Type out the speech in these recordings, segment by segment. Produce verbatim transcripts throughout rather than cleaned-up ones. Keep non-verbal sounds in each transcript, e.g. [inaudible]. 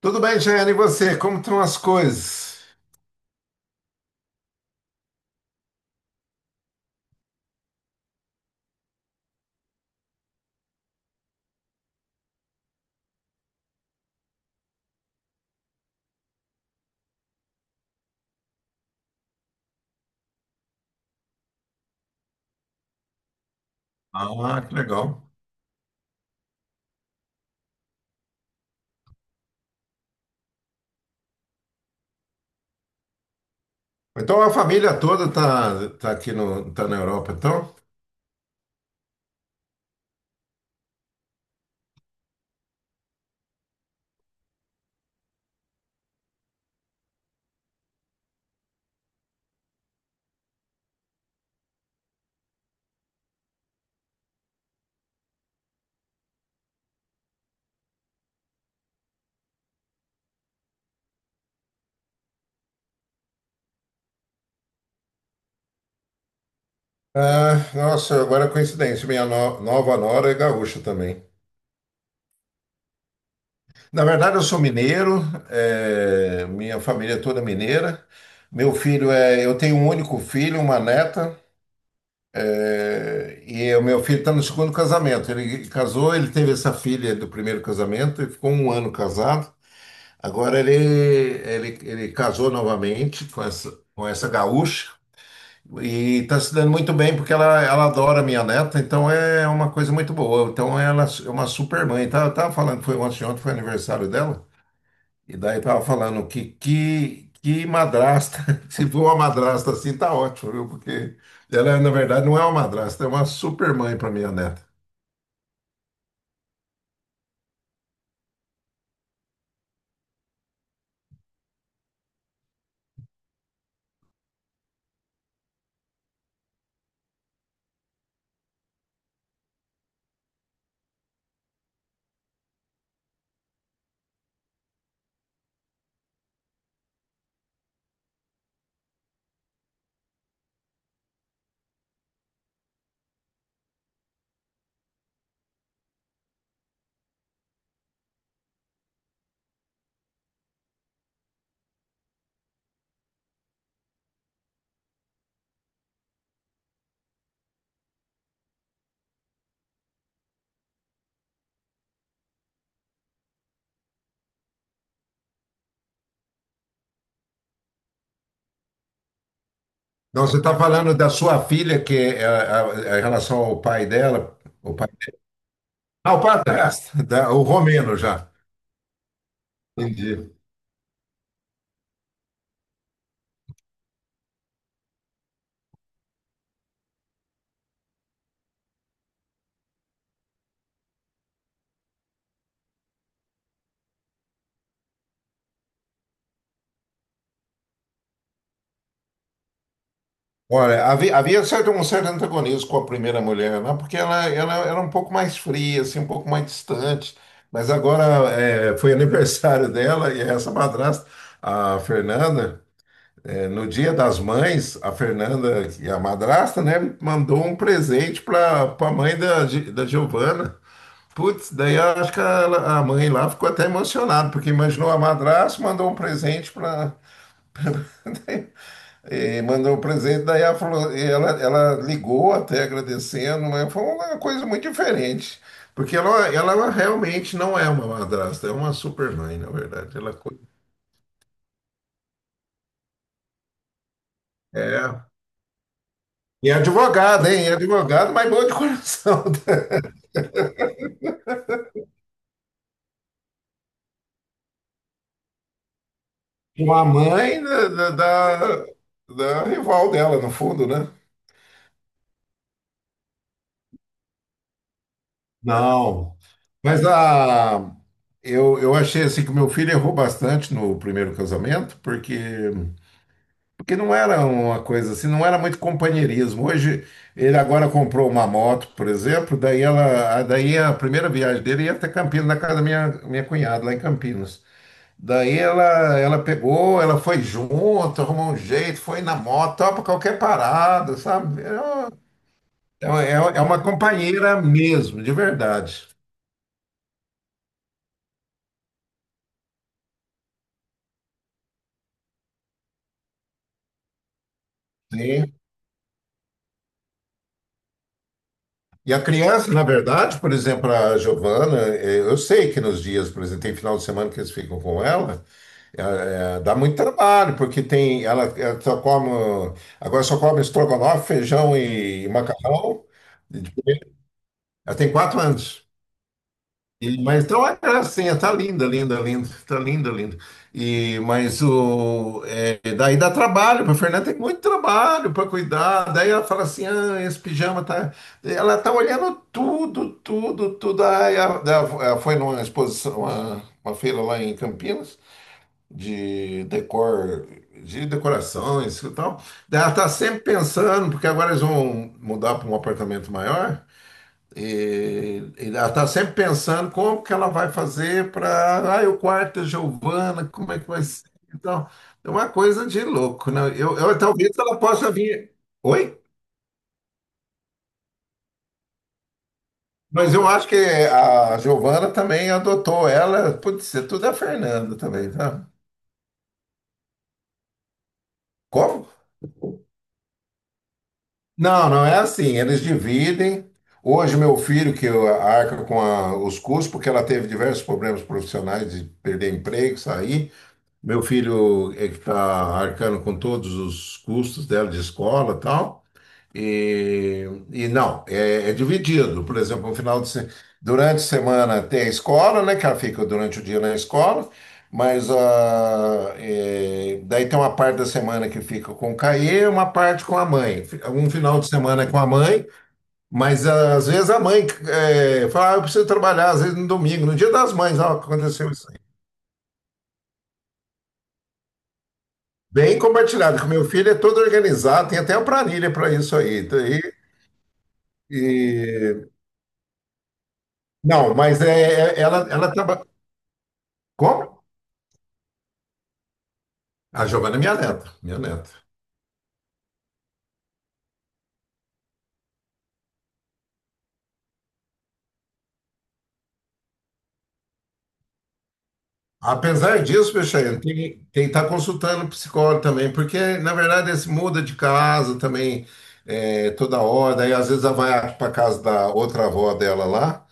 Tudo bem, Jane, e você? Como estão as coisas? Ah, que legal. Então, a família toda tá, tá aqui no, tá na Europa, então? Ah, nossa, agora é coincidência, minha no- nova nora é gaúcha também. Na verdade, eu sou mineiro, é, minha família é toda é mineira. Meu filho é, eu tenho um único filho, uma neta, é, e o meu filho está no segundo casamento. Ele casou, ele teve essa filha do primeiro casamento e ficou um ano casado. Agora ele, ele, ele casou novamente com essa, com essa gaúcha e está se dando muito bem porque ela, ela adora minha neta, então é uma coisa muito boa. Então ela é uma super mãe. Tava, tava falando, foi ontem, ontem foi aniversário dela, e daí tava falando que, que, que madrasta, [laughs] se for uma madrasta assim, tá ótimo, viu? Porque ela, na verdade, não é uma madrasta, é uma super mãe para minha neta. Não, você está falando da sua filha, que é, a, a- em relação ao pai dela, o pai. Ah, o padrasto, da- o romeno já. Entendi. Olha, havia, havia certo, um certo antagonismo com a primeira mulher, né? Porque ela, ela era um pouco mais fria, assim, um pouco mais distante. Mas agora é, foi aniversário dela e essa madrasta, a Fernanda, é, no Dia das Mães, a Fernanda e a madrasta, né, mandou um presente para a mãe da, Gi- da Giovana. Putz, daí eu acho que ela- a mãe lá ficou até emocionada, porque imaginou a madrasta, mandou um presente para. E mandou o presente, daí ela falou, e ela, ela ligou até agradecendo, mas foi uma coisa muito diferente. Porque ela, ela realmente não é uma madrasta, é uma super mãe, na verdade. Ela co- é. E é advogada, hein? É advogada, mas boa de coração. [laughs] Uma mãe da, da, da- da rival dela, no fundo, né? Não. Mas a, eu, eu achei assim que meu filho errou bastante no primeiro casamento, porque porque não era uma coisa assim, não era muito companheirismo. Hoje, ele agora comprou uma moto, por exemplo, daí ela, a- daí a primeira viagem dele ia até Campinas, na casa da minha, minha cunhada, lá em Campinas. Daí ela, ela pegou, ela foi junto, arrumou um jeito, foi na moto, topa qualquer parada, sabe? É uma, é uma é uma companheira mesmo, de verdade. Sim. E a criança, na verdade, por exemplo, a Giovana, eh, eu sei que nos dias, por exemplo, tem final de semana que eles ficam com ela. É, é, dá muito trabalho, porque tem, ela, ela só come, agora só come estrogonofe, feijão e macarrão. Ela tem quatro anos. E- mas então é gracinha, tá linda, linda, linda, tá linda, linda. E, mas o, é, daí dá trabalho, para Fernanda tem muito trabalho para cuidar. Daí ela fala assim: ah, esse pijama tá. Ela tá olhando tudo, tudo, tudo. Aí ela, ela foi numa exposição, uma, uma feira lá em Campinas de decor, de decorações e tal. Daí ela tá sempre pensando, porque agora eles vão mudar para um apartamento maior, e, e ela tá sempre pensando como que ela vai fazer para, ah, o quarto da Giovana, como é que vai ser? Então, é uma coisa de louco, né? Eu, eu talvez ela possa vir. Oi? Mas eu acho que a Giovana também adotou ela, pode ser tudo a Fernanda também, tá? Como? Não, não é assim. Eles dividem. Hoje, meu filho, que arca com a- os custos, porque ela teve diversos problemas profissionais de perder emprego, sair. Meu filho é que está arcando com todos os custos dela de escola e tal. E, e não, é, é dividido. Por exemplo, no final de, se- durante a semana tem a escola, né? Que ela fica durante o dia na escola, mas ah, é, daí tem uma parte da semana que fica com o Caê e uma parte com a mãe. Fi- Um final de semana é com a mãe, mas ah, às vezes a mãe é, fala, ah, eu preciso trabalhar, às vezes no domingo, no dia das mães, ó, aconteceu isso aí. Bem compartilhado, que o meu filho é todo organizado, tem até uma planilha para isso aí. Então, e, não, mas é, é- ela, ela trabalha. Como? A Giovana é minha neta, minha neta. Apesar disso, Peixeira, tem que estar consultando o psicólogo também, porque, na verdade, esse muda de casa também é, toda hora, e às vezes ela vai para casa da outra avó dela lá,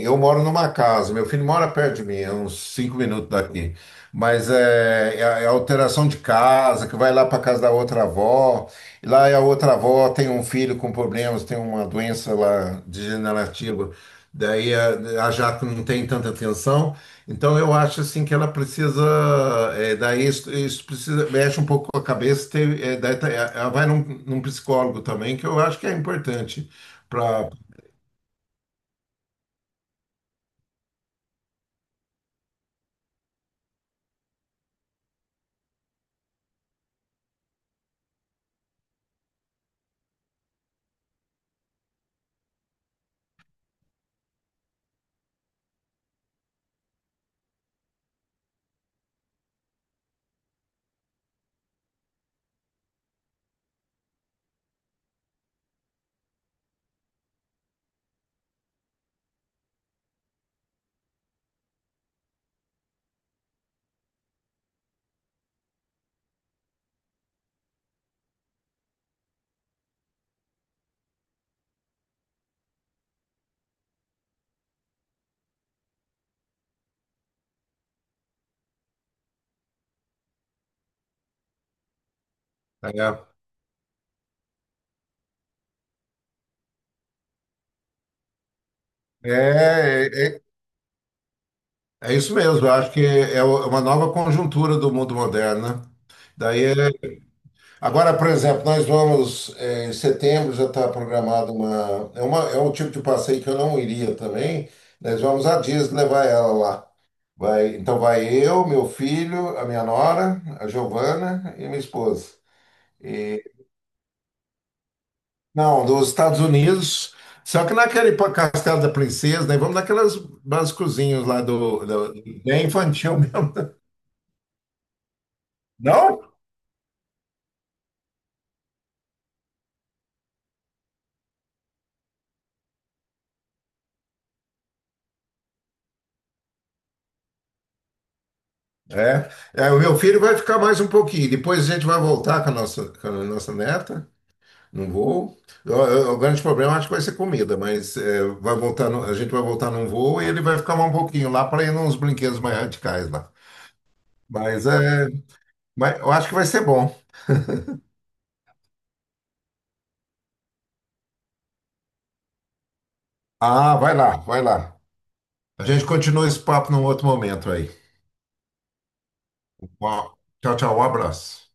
eu moro numa casa, meu filho mora perto de mim, é uns cinco minutos daqui. Mas é, é, a- é a alteração de casa, que vai lá para casa da outra avó, e lá a outra avó tem um filho com problemas, tem uma doença lá degenerativa, daí a, a Jaque não tem tanta atenção. Então eu acho assim que ela precisa, é, daí isso, isso precisa, mexe um pouco com a cabeça, tem- é, daí tá- é, ela vai num, num psicólogo também, que eu acho que é importante para. É, é, é é isso mesmo, eu acho que é é uma nova conjuntura do mundo moderno, né? Daí é... Agora, por exemplo, nós vamos, eh, em setembro já está programado uma... é uma... é um tipo de passeio que eu não iria também, nós vamos a Disney levar ela lá. Vai... então vai eu, meu filho, a minha nora, a Giovana e minha esposa. E... não, dos Estados Unidos, só que naquele pa- Castelo da Princesa, nós vamos naquelas basicozinhos lá do... do... bem infantil mesmo. [laughs] Não? É, é, o meu filho vai ficar mais um pouquinho. Depois a gente vai voltar com a nossa, com a nossa neta, num voo. O, o- o grande problema acho que vai ser comida, mas é, vai voltar no- a gente vai voltar num voo e ele vai ficar mais um pouquinho lá para ir nos brinquedos mais radicais lá. Mas, é, mas eu acho que vai ser bom. Ah, vai lá, vai lá. A gente continua esse papo num outro momento aí. Uau. Tchau, tchau, um abraço.